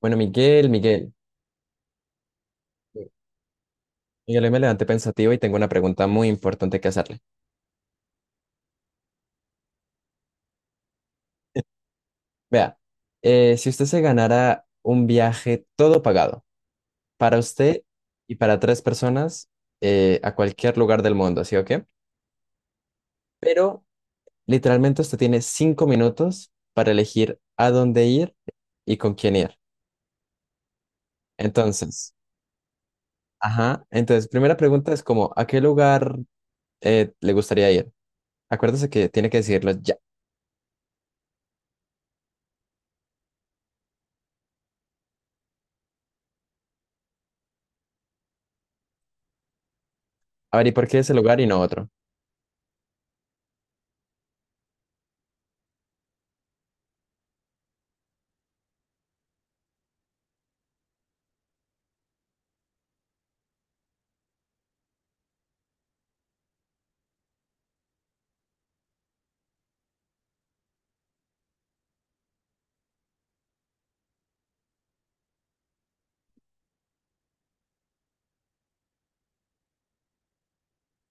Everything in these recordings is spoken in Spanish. Bueno, Miguel, hoy me levanté pensativo y tengo una pregunta muy importante que hacerle. Vea, si usted se ganara un viaje todo pagado para usted y para tres personas a cualquier lugar del mundo, ¿sí o qué? Pero literalmente usted tiene 5 minutos para elegir a dónde ir y con quién ir. Entonces, ajá, entonces, primera pregunta es como, ¿a qué lugar le gustaría ir? Acuérdese que tiene que decidirlo ya. A ver, ¿y por qué ese lugar y no otro?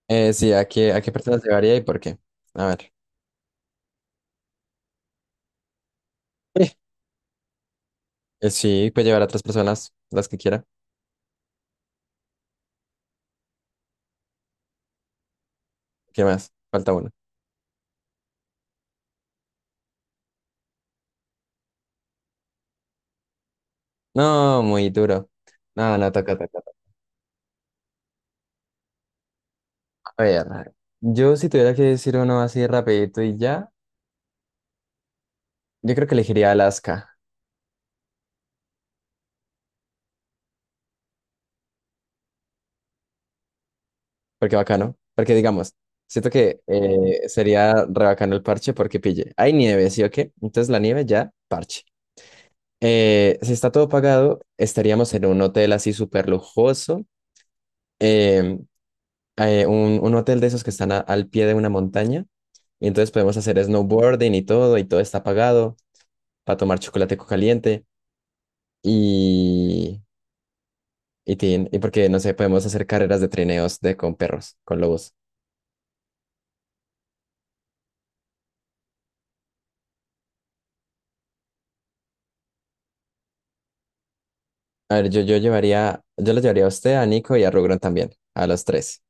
Sí, ¿a qué personas llevaría y por qué? A ver. Sí, puede llevar a otras personas, las que quiera. ¿Qué más? Falta uno. No, muy duro. No, no, toca, toca, toca. A ver, yo si tuviera que decir uno así rapidito y ya, yo creo que elegiría Alaska, porque bacano, porque digamos, siento que sería re bacano el parche porque pille. Hay nieve, ¿sí o qué? Entonces la nieve ya, parche. Si está todo pagado, estaríamos en un hotel así súper lujoso. Em, un hotel de esos que están al pie de una montaña. Y entonces podemos hacer snowboarding y todo está pagado para tomar chocolate caliente. Y, y porque, no sé, podemos hacer carreras de trineos de, con perros, con lobos. A ver, yo los llevaría a usted, a Nico y a Rugron también, a los tres.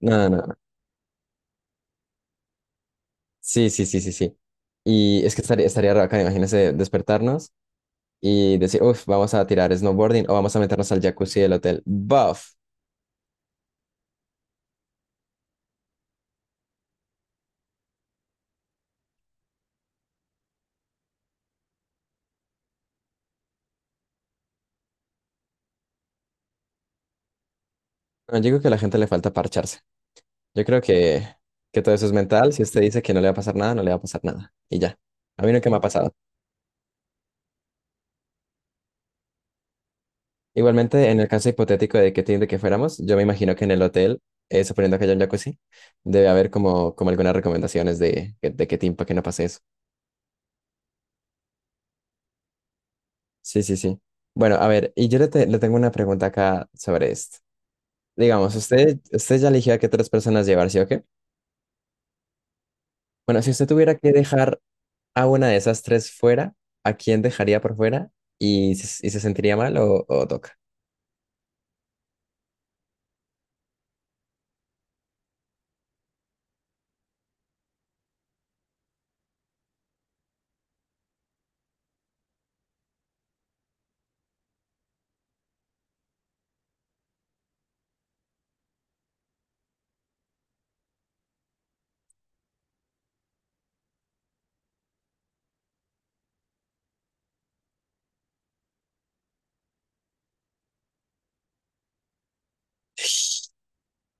No, no, no. Sí, sí, sí, sí, sí. Y es que estaría raro acá, imagínese despertarnos y decir, uff, vamos a tirar snowboarding o vamos a meternos al jacuzzi del hotel. Buff. No, yo digo que a la gente le falta parcharse. Yo creo que todo eso es mental. Si usted dice que no le va a pasar nada, no le va a pasar nada. Y ya. A mí nunca me ha pasado. Igualmente, en el caso hipotético de que tiene que fuéramos, yo me imagino que en el hotel, suponiendo que haya un jacuzzi, debe haber como, como algunas recomendaciones de qué team para que no pase eso. Sí, sí, sí. Bueno, a ver, y yo le tengo una pregunta acá sobre esto. Digamos, usted ya eligió a qué tres personas llevar, ¿sí o qué? Bueno, si usted tuviera que dejar a una de esas tres fuera, ¿a quién dejaría por fuera? ¿Y se sentiría mal o toca?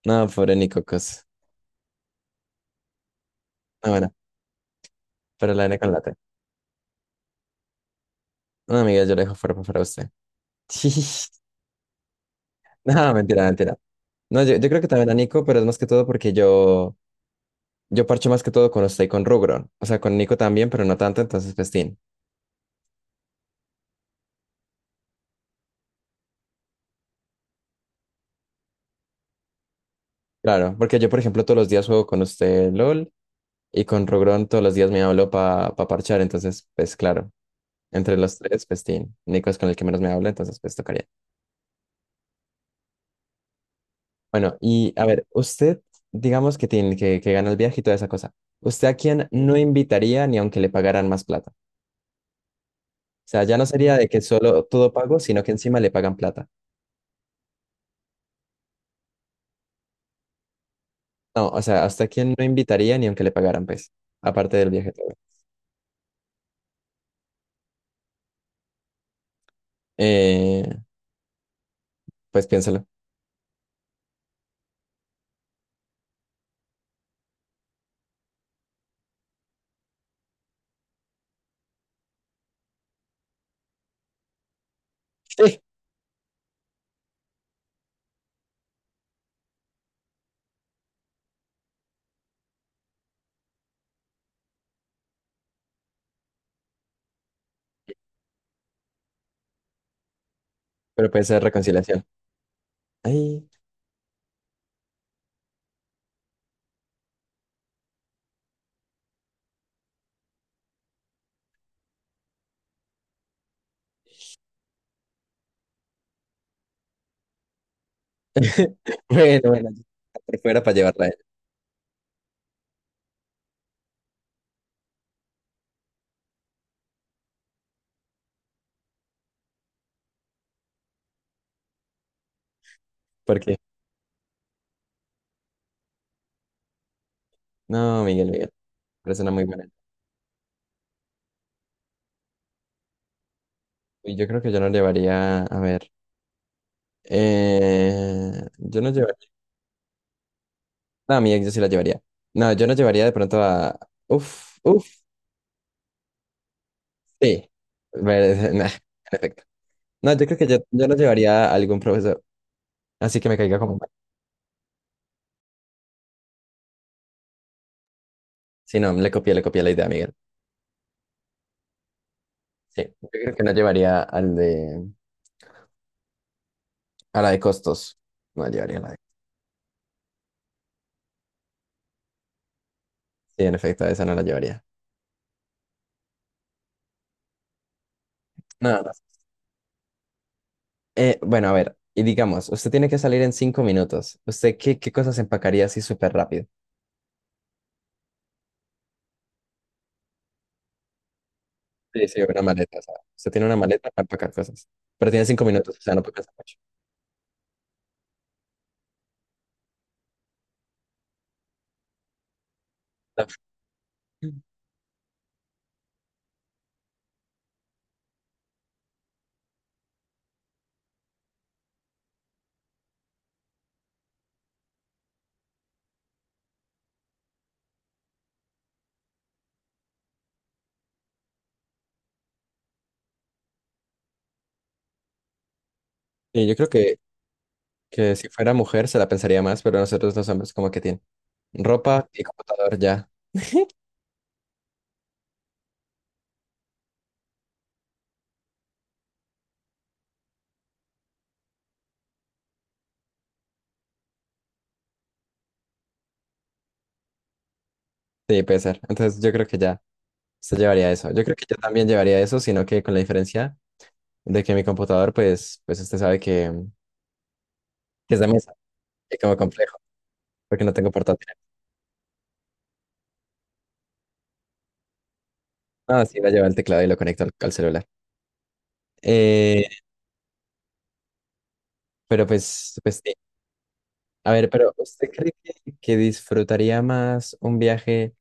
No, pobre ni cocos. No, bueno, pero la N con la T. No, amiga, yo la dejo fuera para usted. No, mentira, mentira. No, yo creo que también a Nico, pero es más que todo porque yo parcho más que todo con usted y con Rugron. O sea, con Nico también, pero no tanto, entonces festín. Claro, porque yo, por ejemplo, todos los días juego con usted LOL y con Rugron todos los días me hablo para parchar, entonces, pues claro, entre los tres, festín. Nico es con el que menos me habla, entonces, pues tocaría. Bueno, y a ver, usted, digamos que tiene que gana el viaje y toda esa cosa. ¿Usted a quién no invitaría ni aunque le pagaran más plata? O sea, ya no sería de que solo todo pago, sino que encima le pagan plata. No, o sea, ¿hasta quién no invitaría ni aunque le pagaran, pues? Aparte del viaje todo. Eh, pues piénsalo. Sí. Pero puede ser reconciliación. Ay. Bueno, bueno, yo por fuera para llevarla a él. Porque, no, Miguel, persona muy buena. Y yo creo que yo no llevaría, a ver, eh, yo no llevaría. No, a mi ex yo sí la llevaría. No, yo no llevaría de pronto a. Uf, uf, sí. Nah, en efecto. No, yo creo que yo no llevaría a algún profesor. Así que me caiga como mal. Sí, no, le copié la idea a Miguel. Sí, yo creo que no llevaría al de. A la de costos. No la llevaría a la de. Sí, en efecto, a esa no la llevaría. No, no. Bueno, a ver. Y digamos, usted tiene que salir en 5 minutos. ¿Usted qué cosas empacaría así súper rápido? Sí, sí, una maleta, o sea, usted tiene una maleta para empacar cosas. Pero tiene 5 minutos, o sea, no puede pensar mucho. Y yo creo que si fuera mujer se la pensaría más, pero nosotros los hombres como que tienen ropa y computador ya de pesar. Entonces yo creo que ya se llevaría eso. Yo creo que yo también llevaría eso, sino que con la diferencia de que mi computador, pues usted sabe que es de mesa, que como complejo, porque no tengo portátil. Ah, sí, la llevo el teclado y lo conecto al celular. Eh, pero pues a ver, pero ¿usted cree que disfrutaría más un viaje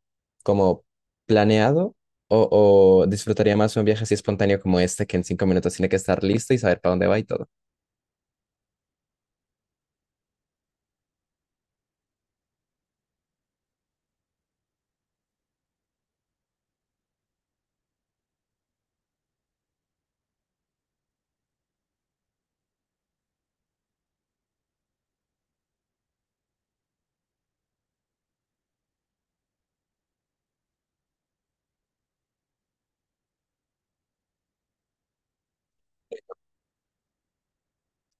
como planeado o disfrutaría más un viaje así espontáneo como este que en 5 minutos tiene que estar listo y saber para dónde va y todo?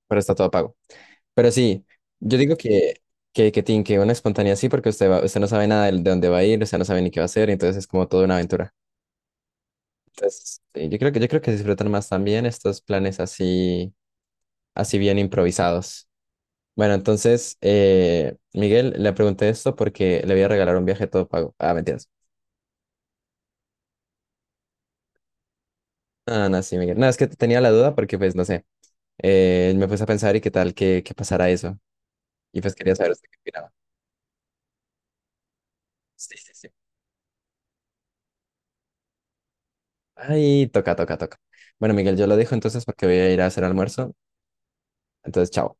Pero está todo pago. Pero sí, yo digo que una espontánea sí porque usted usted no sabe nada de dónde va a ir, usted no sabe ni qué va a hacer, entonces es como toda una aventura. Entonces, sí, yo creo que disfrutan más también estos planes así, así bien improvisados. Bueno, entonces, Miguel, le pregunté esto porque le voy a regalar un viaje todo pago. Ah, mentiras. Ah, no, sí, Miguel. No, es que tenía la duda porque, pues, no sé. Me puse a pensar y qué tal que pasara eso. Y pues quería saber usted qué opinaba. Sí, sí, sí. Ay, toca, toca, toca. Bueno, Miguel, yo lo dejo entonces porque voy a ir a hacer almuerzo. Entonces, chao.